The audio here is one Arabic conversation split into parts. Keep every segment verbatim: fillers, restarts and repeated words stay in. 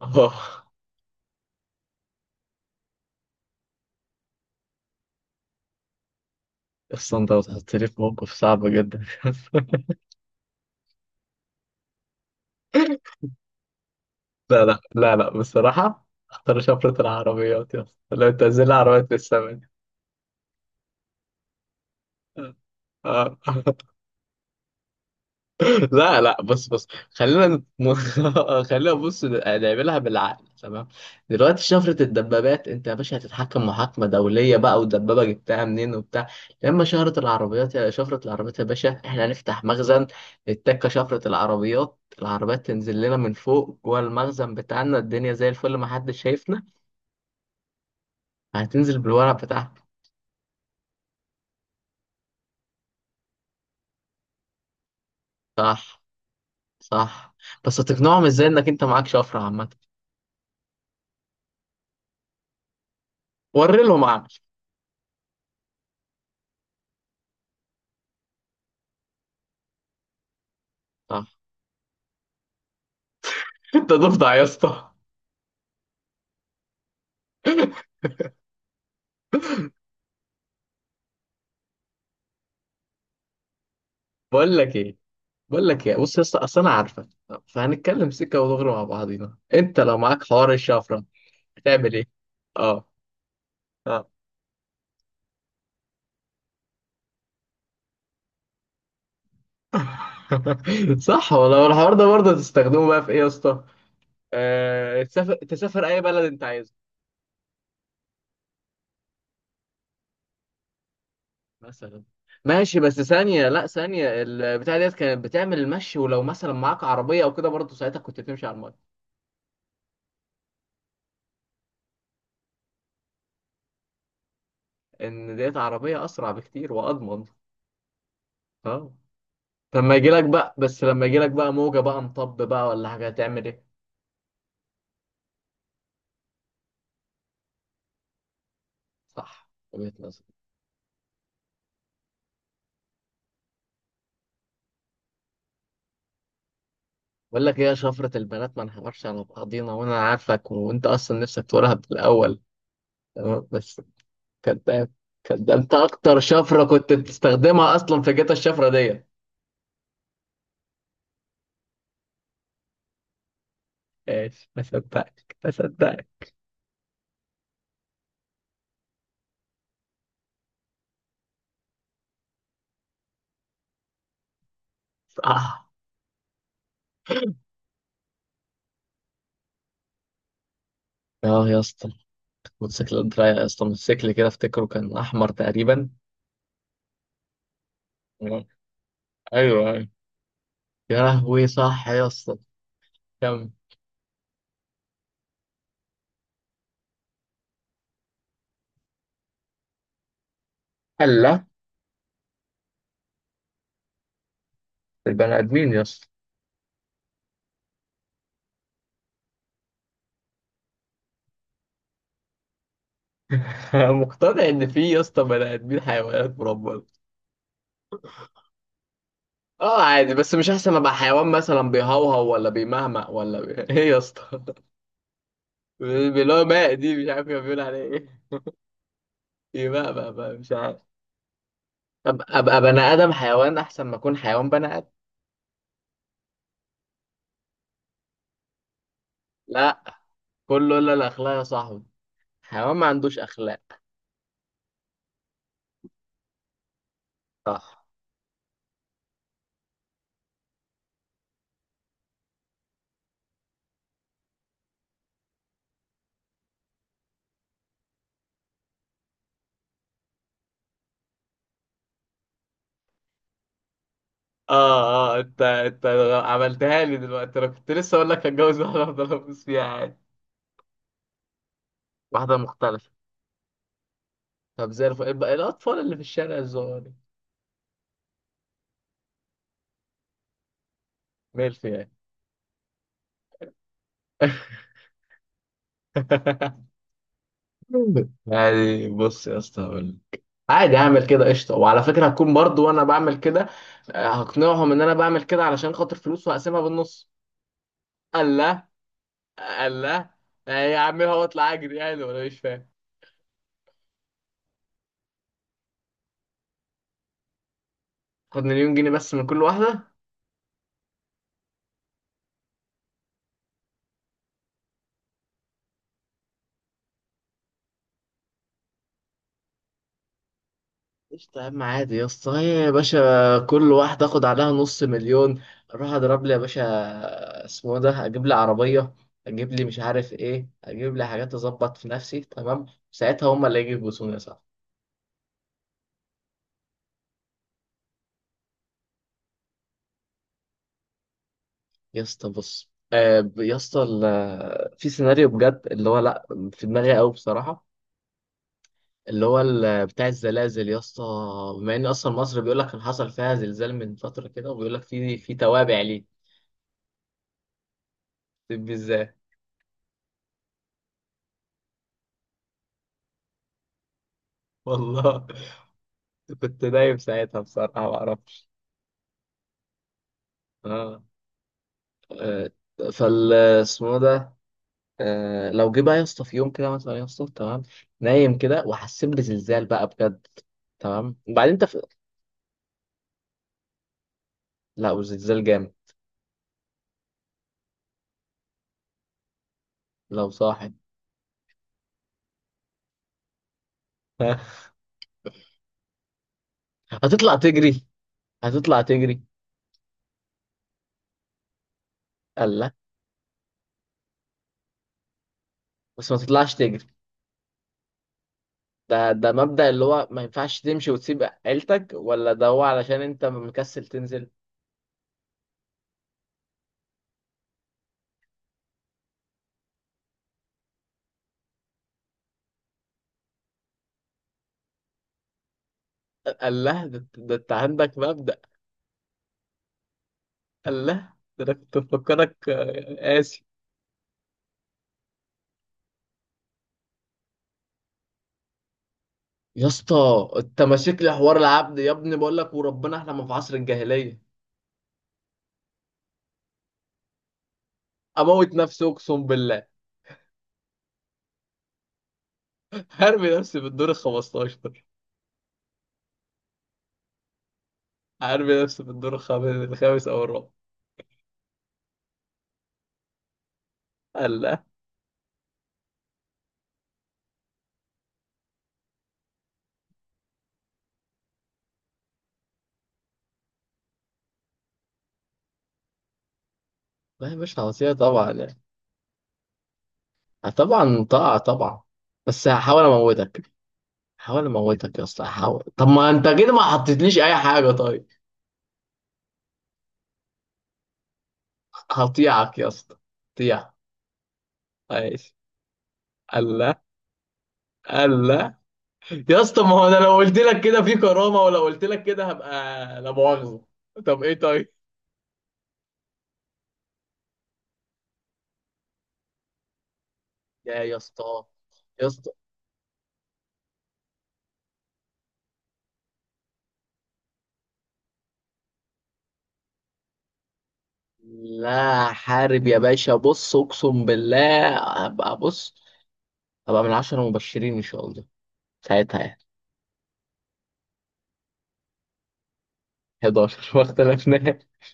اه. اصلا انت بتحطني في موقف صعب جدا. لا لا لا لا، بصراحة اختار شفرة العربيات يا اسطى، لو تنزل عربيات في السماء. اه. لا لا، بص بص، خلينا نت- خلينا بص نعملها بالعقل، تمام؟ دلوقتي شفرة الدبابات انت يا باشا هتتحكم، محاكمة دولية بقى والدبابة جبتها منين وبتاع. لما شهرة العربيات، يا شفرة العربيات يا باشا احنا هنفتح مخزن التكة، شفرة العربيات، العربيات تنزل لنا من فوق جوه المخزن بتاعنا، الدنيا زي الفل ما حدش شايفنا. هتنزل بالورق بتاعها. صح صح. بس هتقنعهم ازاي انك انت معاك شفرة عامة؟ وري لهم عقل. صح. انت ضفدع يا اسطى. بقول لك ايه بقول لك ايه بص يا اسطى، اصل انا عارفك، فهنتكلم سكه ودغري مع بعضينا. انت لو معاك حوار الشفره هتعمل ايه؟ اه. اه. صح والله. الحوار ده برضه تستخدمه بقى في ايه يا اسطى؟ آه، تسافر، تسافر اي بلد انت عايزه. مثلا؟ ماشي، بس ثانيه، لا ثانيه، البتاع ديت كانت بتعمل المشي، ولو مثلا معاك عربيه او كده برضه ساعتها كنت بتمشي على الميه. ان ديت عربيه اسرع بكتير واضمن. اه. لما يجي لك بقى، بس لما يجي لك بقى موجة بقى، مطب بقى، ولا حاجة هتعمل ايه؟ صح، وجهة نظر. بقول لك ايه يا شفرة البنات، ما نحورش على بعضينا وانا عارفك، وانت اصلا نفسك تقولها من الاول، تمام؟ بس كداب، كداب. انت اكتر شفرة كنت بتستخدمها اصلا في جيت الشفرة دي. ايش؟ ما صدقتك ما صدقتك. صح. اه يا اسطى، الموتوسيكلات رايقة يا اسطى. الموتوسيكل كده افتكره كان احمر تقريبا. تمام. ايوه ايوه. يا لهوي صح يا اسطى. كم؟ هلا. البني ادمين يا اسطى. مقتنع ان في يا اسطى بني ادمين حيوانات مربى. اه، عادي، بس مش احسن ابقى حيوان مثلا بيهوهو ولا بيمهمق ولا بي... ايه يا اسطى؟ اللي هو ماء دي، مش عارف كان بيقول عليه ايه. يمهمق بقى، مش عارف. أب- ابقى بني ادم حيوان احسن ما اكون حيوان بني ادم. لا، كله الا الاخلاق يا صاحبي. حيوان ما عندوش اخلاق. صح. اه. اه انت انت عملتها لي دلوقتي، انا كنت لسه اقول لك هتجوز واحده افضل ابوس فيها عادي. واحده مختلفه. طب زي الفل، الب- الاطفال اللي في الشارع الصغير. ميلف يعني. يعني بص يا اسطى هقول لك. عادي، اعمل كده قشطه، وعلى فكره هكون برضو وانا بعمل كده. آه، هقنعهم ان انا بعمل كده علشان خاطر فلوس وهقسمها بالنص. قال لا، قال لا. آه، يا عم هو اطلع اجري يعني، ولا مش فاهم؟ خد مليون جنيه بس من كل واحده. قشطة يا عم، عادي يا اسطى. هي يا باشا كل واحد اخد عليها نص مليون، اروح اضرب لي يا باشا، اسمه إيه ده، اجيب لي عربية، اجيب لي مش عارف ايه، اجيب لي حاجات، اظبط في نفسي، تمام؟ ساعتها هما اللي يجوا يبوسوني يا صاحبي. يا اسطى بص، آه، ب- يا اسطى، ال- في سيناريو بجد اللي هو لا، في دماغي قوي بصراحة. اللي هو ال- بتاع الزلازل يا اسطى، بما ان اصلا مصر بيقول لك كان حصل فيها زلزال من فترة كده، وبيقول لك في في توابع ليه. طب ازاي؟ والله كنت نايم ساعتها بصراحة، ما اعرفش. اه. آه، فال اسمه ده. آه لو جه بقى يا اسطى في يوم كده مثلا يا اسطى، تمام، نايم كده وحسيت بزلزال بقى بجد، تمام، وبعدين انت في... لا، والزلزال جامد. لو صاحي. هتطلع تجري، هتطلع تجري. قال لا. بس ما تطلعش تجري، ده ده مبدأ؟ اللي هو ما ينفعش تمشي وتسيب عيلتك؟ ولا ده هو علشان انت مكسل تنزل؟ قال لا. ده, ده انت عندك مبدأ. قال لا، ده انا كنت مفكرك آه، قاسي. يا اسطى انت ماسك لي حوار العبد يا ابني، بقول لك وربنا احنا ما في عصر الجاهليه. اموت نفسي اقسم بالله. هرمي نفسي في الدور ال خمستاشر، هرمي نفسي في الدور الخامس، الخامس او الرابع. قال لا. لا، مش هوصيه طبعا يعني. طبعا طبعا طبعا. بس هحاول اموتك. هحاول اموتك يا اسطى، هحاول، طب ما انت كده ما حطيتليش اي حاجه طيب. هطيعك يا اسطى، هطيع. ماشي. الله الله. يا اسطى ما هو انا لو قلت لك كده في كرامه، ولو قلت لك كده هبقى، لا مؤاخذه. طب ايه طيب. يا يا اسطى. يا اسطى، لا، حارب يا باشا، بص اقسم بالله هبقى، بص هبقى من عشرة مبشرين ان شاء الله ساعتها يعني. حداشر، ما اختلفناش.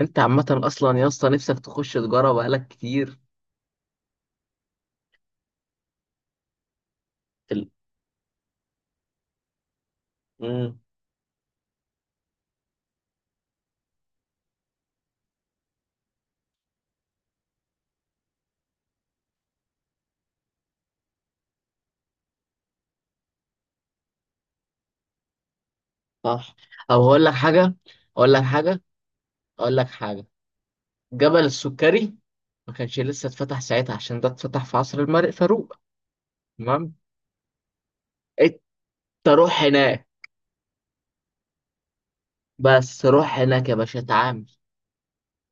انت عامه اصلا يا اسطى نفسك تخش تجاره بقالك كتير. في ال... مم. صح. طب هقول لك حاجه، اقول لك حاجه اقول لك حاجه جبل السكري ما كانش لسه اتفتح ساعتها، عشان ده اتفتح في عصر الملك فاروق. تمام. انت روح هناك. بس روح هناك يا باشا، اتعامل،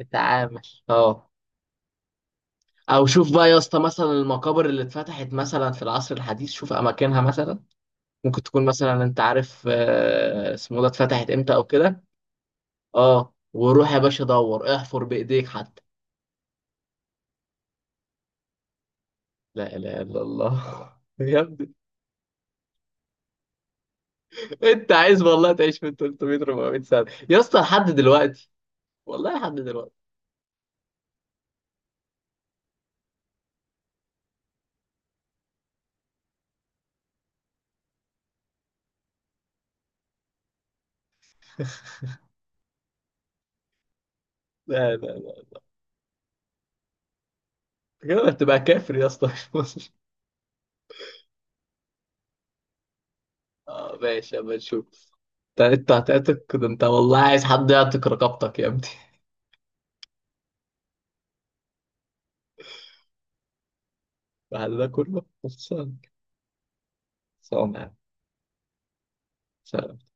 اتعامل. اه. او شوف بقى يا اسطى مثلا المقابر اللي اتفتحت مثلا في العصر الحديث، شوف اماكنها مثلا، ممكن تكون مثلا انت عارف آه، اسمه ده، اتفتحت امتى او كده. اه، وروح يا باشا دور، احفر بايديك حتى. لا اله الا الله. يا ابني انت عايز والله تعيش من تلت ميه اربع ميه سنه يا اسطى لحد دلوقتي؟ والله لحد دلوقتي. لا لا لا، كده هتبقى كافر يا اسطى، مش مسلم. اه ماشي، اما نشوف. انت انت هتعتق؟ ده انت والله عايز حد يعتق رقبتك يا ابني. بعد ده كله خلصان؟ خلصان يعني. سلام.